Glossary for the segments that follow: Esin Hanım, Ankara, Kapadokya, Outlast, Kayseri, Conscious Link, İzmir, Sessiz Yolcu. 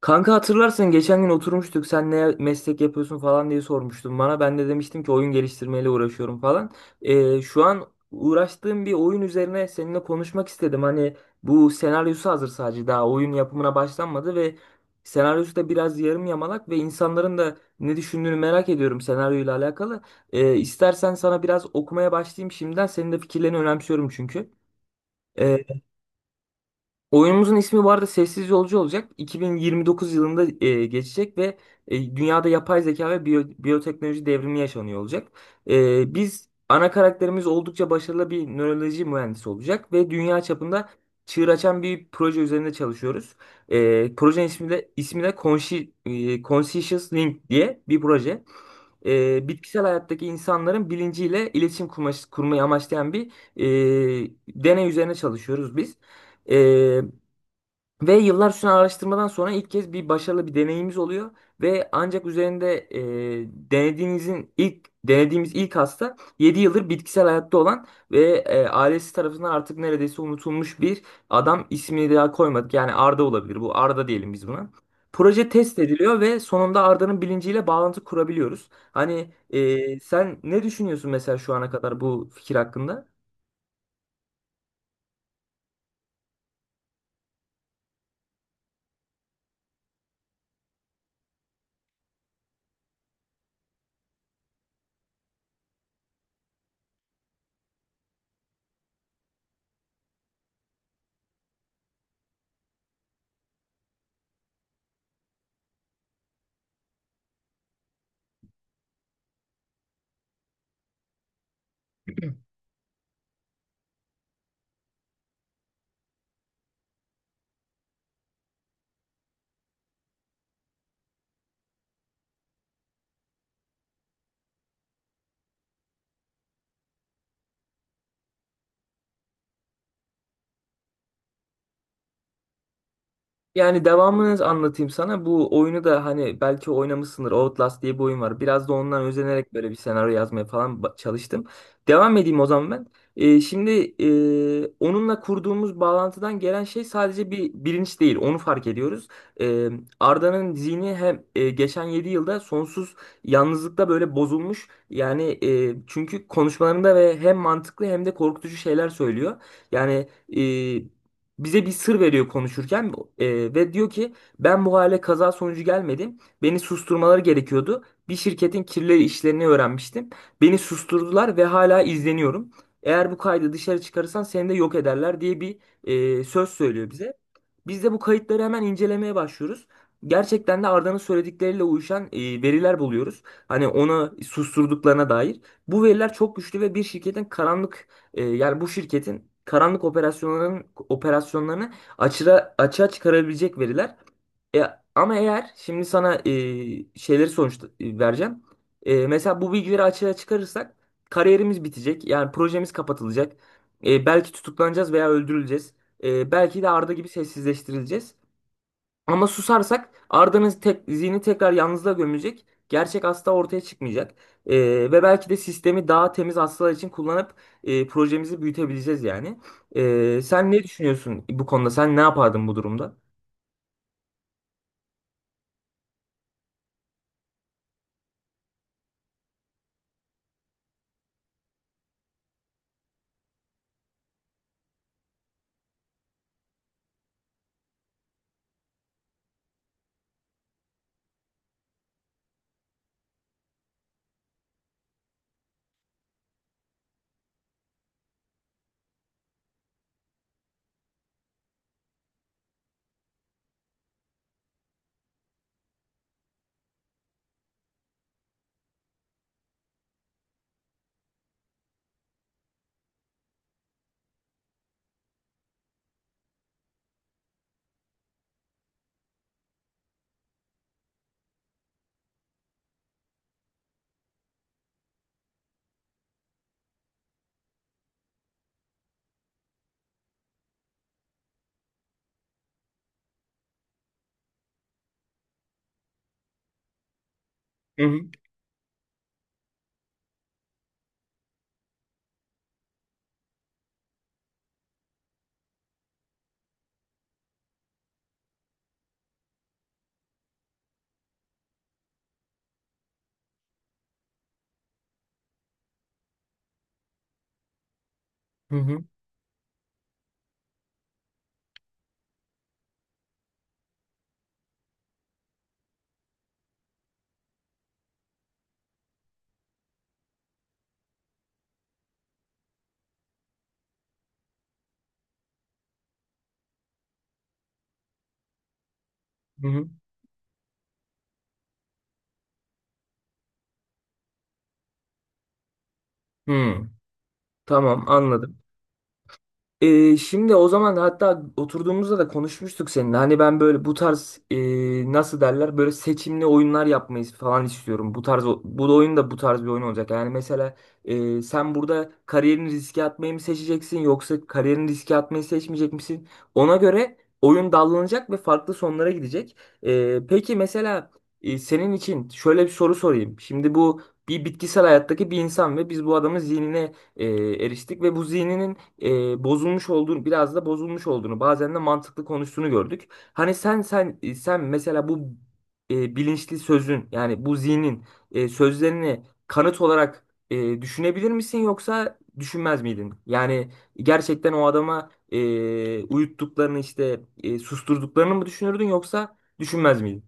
Kanka hatırlarsın geçen gün oturmuştuk sen ne meslek yapıyorsun falan diye sormuştun bana. Ben de demiştim ki oyun geliştirmeyle uğraşıyorum falan. Şu an uğraştığım bir oyun üzerine seninle konuşmak istedim. Hani bu senaryosu hazır sadece daha oyun yapımına başlanmadı ve senaryosu da biraz yarım yamalak ve insanların da ne düşündüğünü merak ediyorum senaryoyla alakalı. İstersen sana biraz okumaya başlayayım şimdiden. Senin de fikirlerini önemsiyorum çünkü. Oyunumuzun ismi bu arada Sessiz Yolcu olacak. 2029 yılında geçecek ve dünyada yapay zeka ve biyoteknoloji devrimi yaşanıyor olacak. Biz ana karakterimiz oldukça başarılı bir nöroloji mühendisi olacak ve dünya çapında çığır açan bir proje üzerinde çalışıyoruz. Projenin ismi de Conscious Link diye bir proje. Bitkisel hayattaki insanların bilinciyle iletişim kurmayı amaçlayan bir deney üzerine çalışıyoruz biz. E, Ve yıllar süren araştırmadan sonra ilk kez bir başarılı bir deneyimiz oluyor ve ancak üzerinde denediğinizin ilk denediğimiz ilk hasta 7 yıldır bitkisel hayatta olan ve ailesi tarafından artık neredeyse unutulmuş bir adam ismini daha koymadık. Yani Arda olabilir bu Arda diyelim biz buna. Proje test ediliyor ve sonunda Arda'nın bilinciyle bağlantı kurabiliyoruz. Hani sen ne düşünüyorsun mesela şu ana kadar bu fikir hakkında? Yani devamını anlatayım sana. Bu oyunu da hani belki oynamışsındır. Outlast diye bir oyun var. Biraz da ondan özenerek böyle bir senaryo yazmaya falan çalıştım. Devam edeyim o zaman ben. Şimdi onunla kurduğumuz bağlantıdan gelen şey sadece bir bilinç değil. Onu fark ediyoruz. Ee, Arda'nın zihni hem geçen 7 yılda sonsuz yalnızlıkta böyle bozulmuş. Yani çünkü konuşmalarında ve hem mantıklı hem de korkutucu şeyler söylüyor. Yani e, bize bir sır veriyor konuşurken ve diyor ki ben bu hale kaza sonucu gelmedim. Beni susturmaları gerekiyordu. Bir şirketin kirli işlerini öğrenmiştim. Beni susturdular ve hala izleniyorum. Eğer bu kaydı dışarı çıkarırsan seni de yok ederler diye bir söz söylüyor bize. Biz de bu kayıtları hemen incelemeye başlıyoruz. Gerçekten de Arda'nın söyledikleriyle uyuşan veriler buluyoruz. Hani onu susturduklarına dair. Bu veriler çok güçlü ve bir şirketin karanlık yani bu şirketin karanlık operasyonlarını açığa çıkarabilecek veriler. E, Ama eğer şimdi sana şeyleri sonuç vereceğim. Mesela bu bilgileri açığa çıkarırsak kariyerimiz bitecek. Yani projemiz kapatılacak. Belki tutuklanacağız veya öldürüleceğiz. Belki de Arda gibi sessizleştirileceğiz. Ama susarsak Arda'nın zihni tekrar yalnızlığa gömülecek. Gerçek hasta ortaya çıkmayacak. Ee, Ve belki de sistemi daha temiz hastalar için kullanıp projemizi büyütebileceğiz yani. Sen ne düşünüyorsun bu konuda? Sen ne yapardın bu durumda? Hı hı hı hı. Hı hı. Hmm, tamam anladım. Şimdi o zaman hatta oturduğumuzda da konuşmuştuk seninle. Hani ben böyle bu tarz nasıl derler böyle seçimli oyunlar yapmayı falan istiyorum. Bu tarz bu oyun da bu tarz bir oyun olacak. Yani mesela sen burada kariyerini riske atmayı mı seçeceksin yoksa kariyerini riske atmayı seçmeyecek misin? Ona göre oyun dallanacak ve farklı sonlara gidecek. Peki mesela senin için şöyle bir soru sorayım. Şimdi bu bir bitkisel hayattaki bir insan ve biz bu adamın zihnine eriştik ve bu zihninin bozulmuş olduğunu biraz da bozulmuş olduğunu bazen de mantıklı konuştuğunu gördük. Hani sen mesela bu bilinçli sözün yani bu zihnin sözlerini kanıt olarak düşünebilir misin yoksa düşünmez miydin? Yani gerçekten o adama uyuttuklarını işte susturduklarını mı düşünürdün yoksa düşünmez miydin?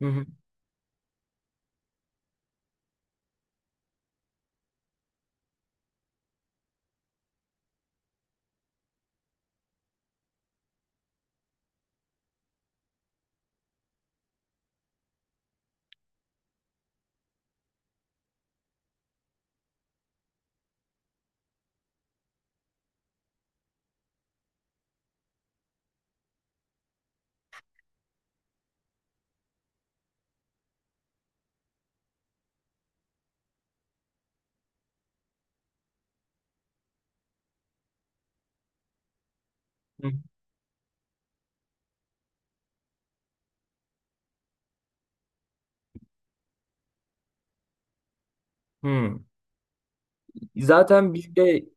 Hı hı. Hı hı. Zaten bizde.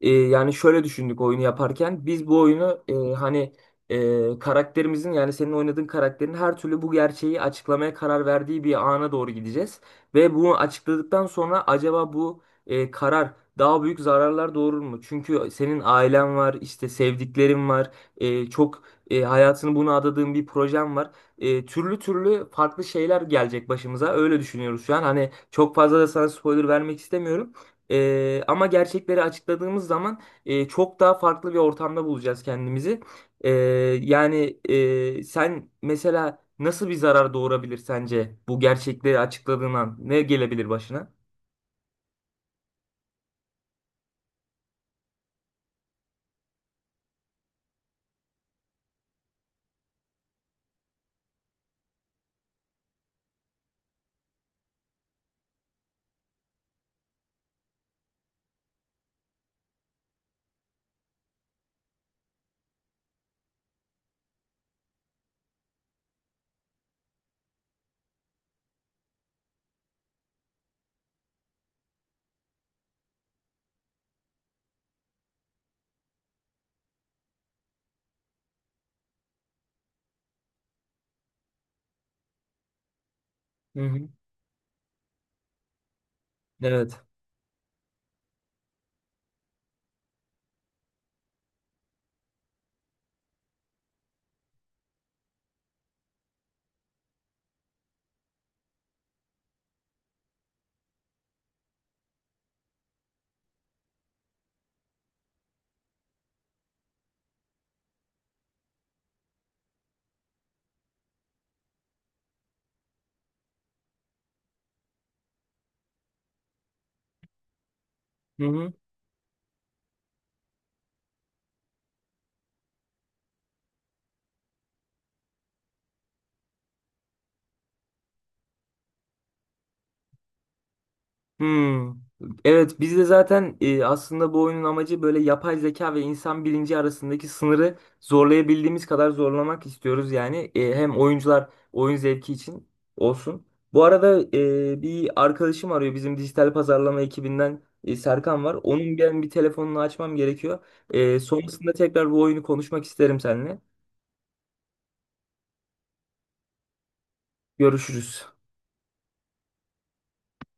Yani şöyle düşündük oyunu yaparken. Biz bu oyunu hani karakterimizin yani senin oynadığın karakterin her türlü bu gerçeği açıklamaya karar verdiği bir ana doğru gideceğiz. Ve bunu açıkladıktan sonra acaba bu karar daha büyük zararlar doğurur mu? Çünkü senin ailen var, işte sevdiklerin var, çok hayatını buna adadığın bir projen var. Türlü türlü farklı şeyler gelecek başımıza. Öyle düşünüyoruz şu an. Hani çok fazla da sana spoiler vermek istemiyorum. Ama gerçekleri açıkladığımız zaman çok daha farklı bir ortamda bulacağız kendimizi. Ee, Yani sen mesela nasıl bir zarar doğurabilir sence bu gerçekleri açıkladığın an? Ne gelebilir başına? Hı hı. Evet. Hı hı. Hmm. Evet biz de zaten aslında bu oyunun amacı böyle yapay zeka ve insan bilinci arasındaki sınırı zorlayabildiğimiz kadar zorlamak istiyoruz yani hem oyuncular oyun zevki için olsun. Bu arada bir arkadaşım arıyor bizim dijital pazarlama ekibinden Serkan var. Onun ben bir telefonunu açmam gerekiyor. Sonrasında tekrar bu oyunu konuşmak isterim seninle. Görüşürüz.